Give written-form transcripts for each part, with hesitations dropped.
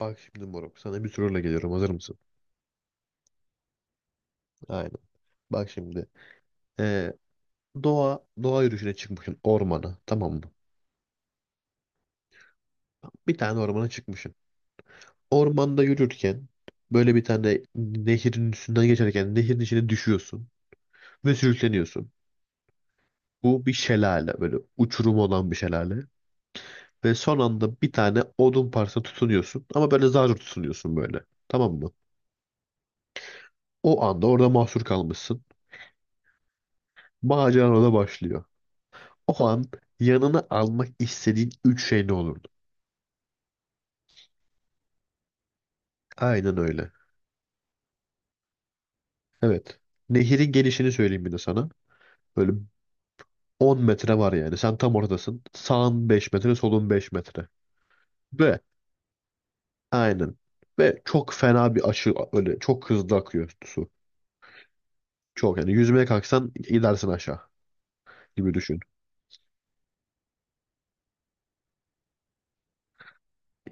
Bak şimdi moruk sana bir soruyla geliyorum, hazır mısın? Aynen. Bak şimdi ee, doğa yürüyüşüne çıkmışsın ormana, tamam mı? Bir tane ormana çıkmışsın. Ormanda yürürken böyle bir tane nehirin üstünden geçerken nehirin içine düşüyorsun ve sürükleniyorsun. Bu bir şelale, böyle uçurum olan bir şelale. Ve son anda bir tane odun parçasına tutunuyorsun ama böyle zar zor tutunuyorsun böyle, tamam mı? O anda orada mahsur kalmışsın. Maceran orada başlıyor. O an yanına almak istediğin üç şey ne olurdu? Aynen öyle. Evet. Nehirin gelişini söyleyeyim bir de sana. Böyle 10 metre var yani. Sen tam ortadasın. Sağın 5 metre, solun 5 metre. Ve aynen. Ve çok fena bir aşı, öyle çok hızlı akıyor su. Çok, yani yüzmeye kalksan gidersin aşağı gibi düşün.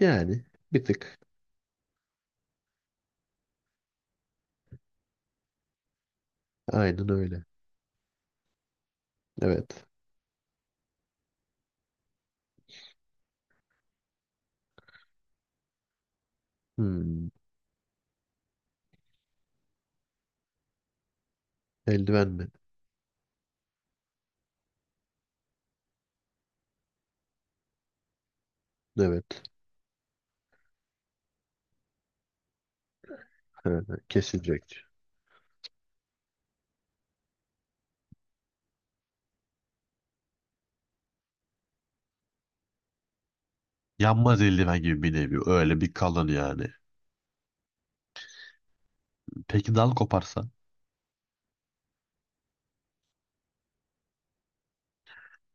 Yani bir tık aynen öyle. Evet. Hmm. Eldiven mi? Evet. Ha, kesilecek. Yanmaz eldiven gibi bir nevi. Öyle bir kalın yani. Peki dal koparsa?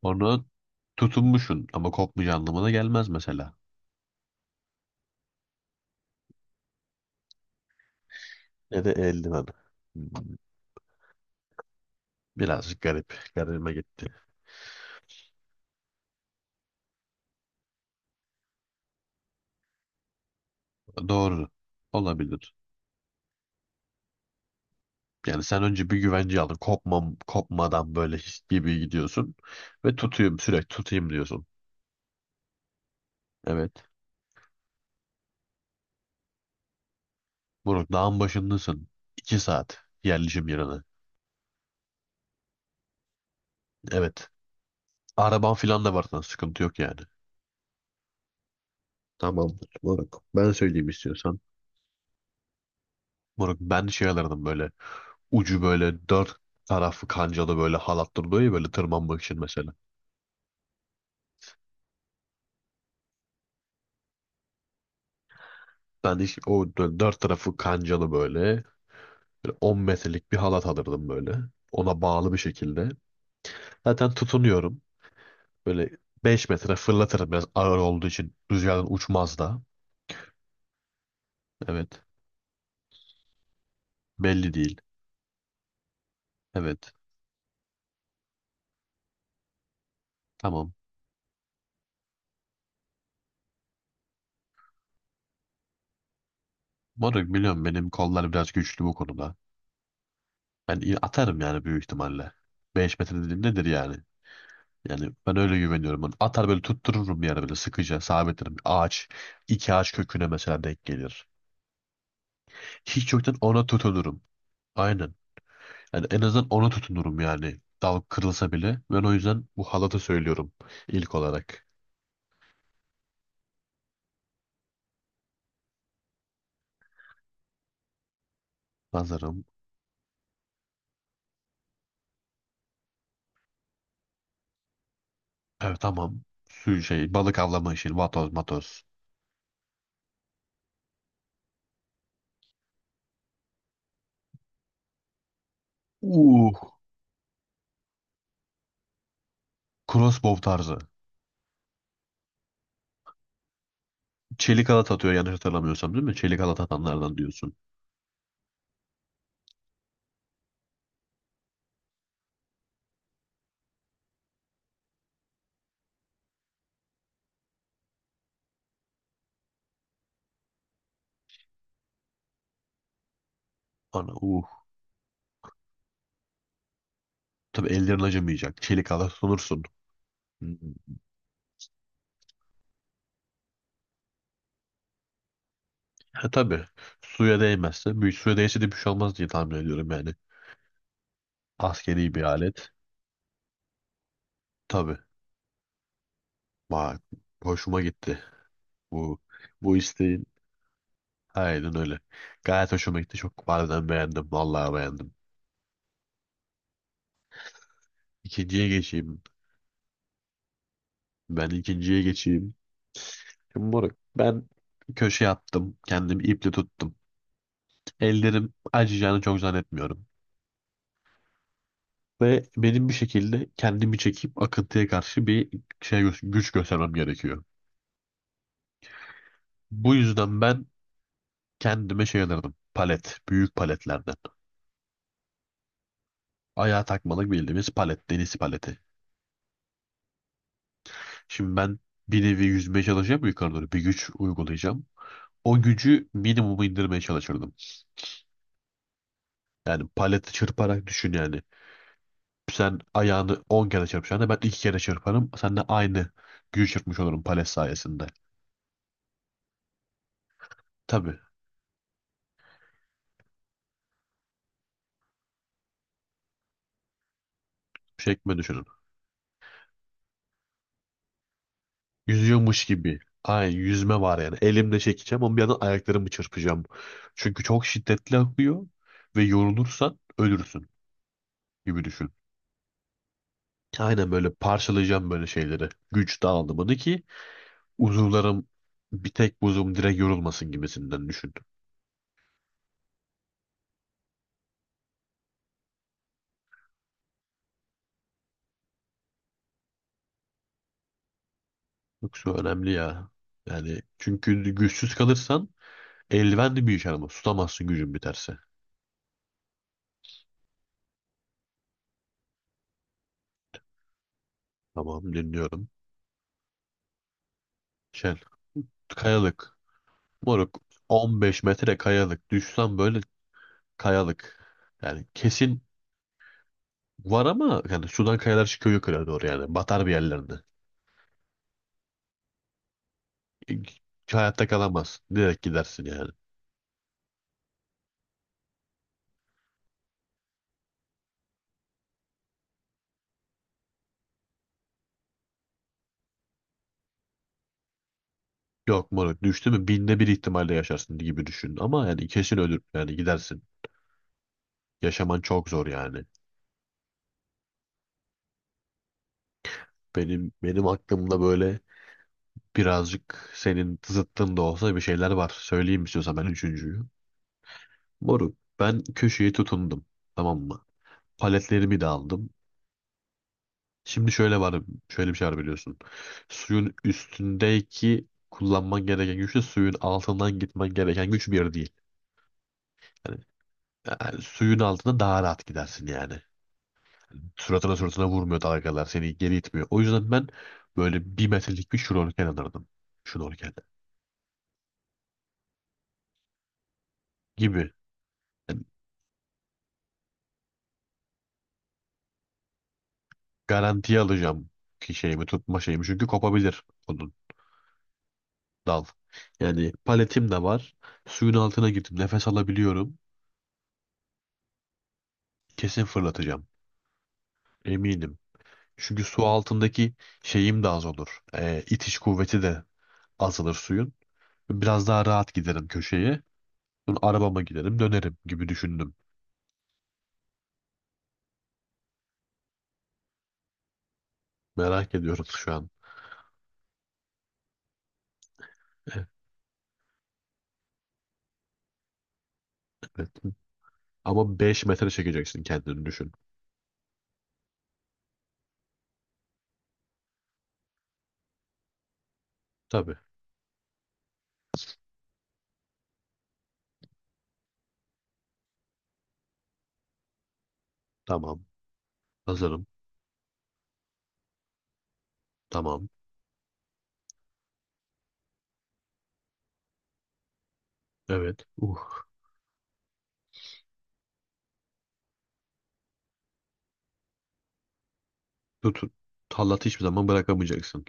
Onu tutunmuşsun ama kopmayacağı anlamına gelmez mesela. Ya da eldiven. Hmm. Birazcık garip. Garibime gitti. Doğru. Olabilir. Yani sen önce bir güvence aldın. Kopmam, kopmadan böyle his gibi gidiyorsun. Ve tutayım sürekli tutayım diyorsun. Evet. Burak, dağın başındasın. 2 saat yerleşim yerine. Evet. Araban filan da var sana. Sıkıntı yok yani. Tamamdır Burak. Ben söyleyeyim istiyorsan. Burak, ben şey alırdım böyle. Ucu böyle dört tarafı kancalı böyle halat duruyor ya, böyle tırmanmak için mesela. Ben hiç o dört tarafı kancalı böyle, böyle 10 metrelik bir halat alırdım böyle. Ona bağlı bir şekilde. Zaten tutunuyorum. Böyle 5 metre fırlatırım biraz ağır olduğu için. Rüzgardan uçmaz da. Evet. Belli değil. Evet. Tamam. Moruk biliyorum benim kollar biraz güçlü bu konuda. Ben atarım yani büyük ihtimalle. 5 metre dediğim nedir yani? Yani ben öyle güveniyorum. Ben atar böyle tuttururum bir yere, böyle sıkıca sabitlerim. Ağaç, iki ağaç köküne mesela denk gelir. Hiç yoktan ona tutunurum. Aynen. Yani en azından ona tutunurum yani. Dal kırılsa bile. Ben o yüzden bu halatı söylüyorum ilk olarak. Nazarım. Evet, tamam. Su şey balık avlama işi. Vatoz matoz. Uh. Crossbow tarzı. Çelik halat atıyor, yanlış hatırlamıyorsam değil mi? Çelik halat atanlardan diyorsun. Ana. Tabii ellerin acımayacak. Çelik halat tutunursun. Hmm. Ha, tabii. Suya değmezse. Büyük suya değse de bir şey olmaz diye tahmin ediyorum yani. Askeri bir alet. Tabii. Bak, hoşuma gitti. Bu bu isteğin. Aynen öyle. Gayet hoşuma gitti. Çok harbiden beğendim. Vallahi beğendim. İkinciye geçeyim. Ben ikinciye geçeyim. Şimdi moruk, ben köşeye attım. Kendimi iple tuttum. Ellerim acıyacağını çok zannetmiyorum. Ve benim bir şekilde kendimi çekip akıntıya karşı bir şey güç göstermem gerekiyor. Bu yüzden ben kendime şey alırdım. Palet. Büyük paletlerden. Ayağa takmalık bildiğimiz palet. Deniz paleti. Şimdi ben bir nevi yüzmeye çalışacağım yukarı doğru. Bir güç uygulayacağım. O gücü minimuma indirmeye çalışırdım. Yani paleti çırparak düşün yani. Sen ayağını 10 kere çırpacağına ben 2 kere çırparım. Sen de aynı gücü çırpmış olurum palet sayesinde. Tabii. Çekme düşünün. Yüzüyormuş gibi. Ay, yüzme var yani. Elimle çekeceğim ama bir yandan ayaklarımı çırpacağım. Çünkü çok şiddetli akıyor ve yorulursan ölürsün. Gibi düşün. Aynen böyle parçalayacağım böyle şeyleri. Güç dağılımını, ki uzuvlarım bir tek buzum direkt yorulmasın gibisinden düşün. Yoksa önemli ya. Yani çünkü güçsüz kalırsan eldiven de bir iş yaramaz. Tutamazsın gücün biterse. Tamam, dinliyorum. Şey, kayalık. Moruk, 15 metre kayalık. Düşsen böyle kayalık. Yani kesin var ama yani sudan kayalar çıkıyor yukarı doğru yani. Batar bir yerlerine. Hiç hayatta kalamaz. Direkt gidersin yani. Yok moruk, düştü mü binde bir ihtimalle yaşarsın gibi düşün. Ama yani kesin ölür yani gidersin. Yaşaman çok zor yani. Benim aklımda böyle birazcık senin zıttın da olsa bir şeyler var. Söyleyeyim istiyorsan, ben üçüncüyü. Moruk ben köşeye tutundum, tamam mı? Paletlerimi de aldım. Şimdi şöyle bir şey var biliyorsun. Suyun üstündeki kullanman gereken güçle suyun altından gitmen gereken güç bir değil. Yani, yani suyun altında daha rahat gidersin yani. Suratına suratına vurmuyor dalgalar. Seni geri itmiyor. O yüzden ben böyle 1 metrelik bir şnorkel alırdım. Şnorkel gibi. Yani garantiye alacağım ki şeyimi tutma şeyimi. Çünkü kopabilir onun dal. Yani paletim de var. Suyun altına girdim. Nefes alabiliyorum. Kesin fırlatacağım. Eminim. Çünkü su altındaki şeyim de az olur. İtiş kuvveti de azalır suyun. Biraz daha rahat giderim köşeye. Sonra arabama giderim dönerim gibi düşündüm. Merak ediyorum şu an. Ama 5 metre çekeceksin kendini düşün. Tabii. Tamam. Hazırım. Tamam. Evet. Tut. Tallatı hiçbir zaman bırakamayacaksın.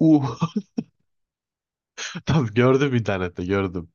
Uh. Tabii gördüm, internette gördüm.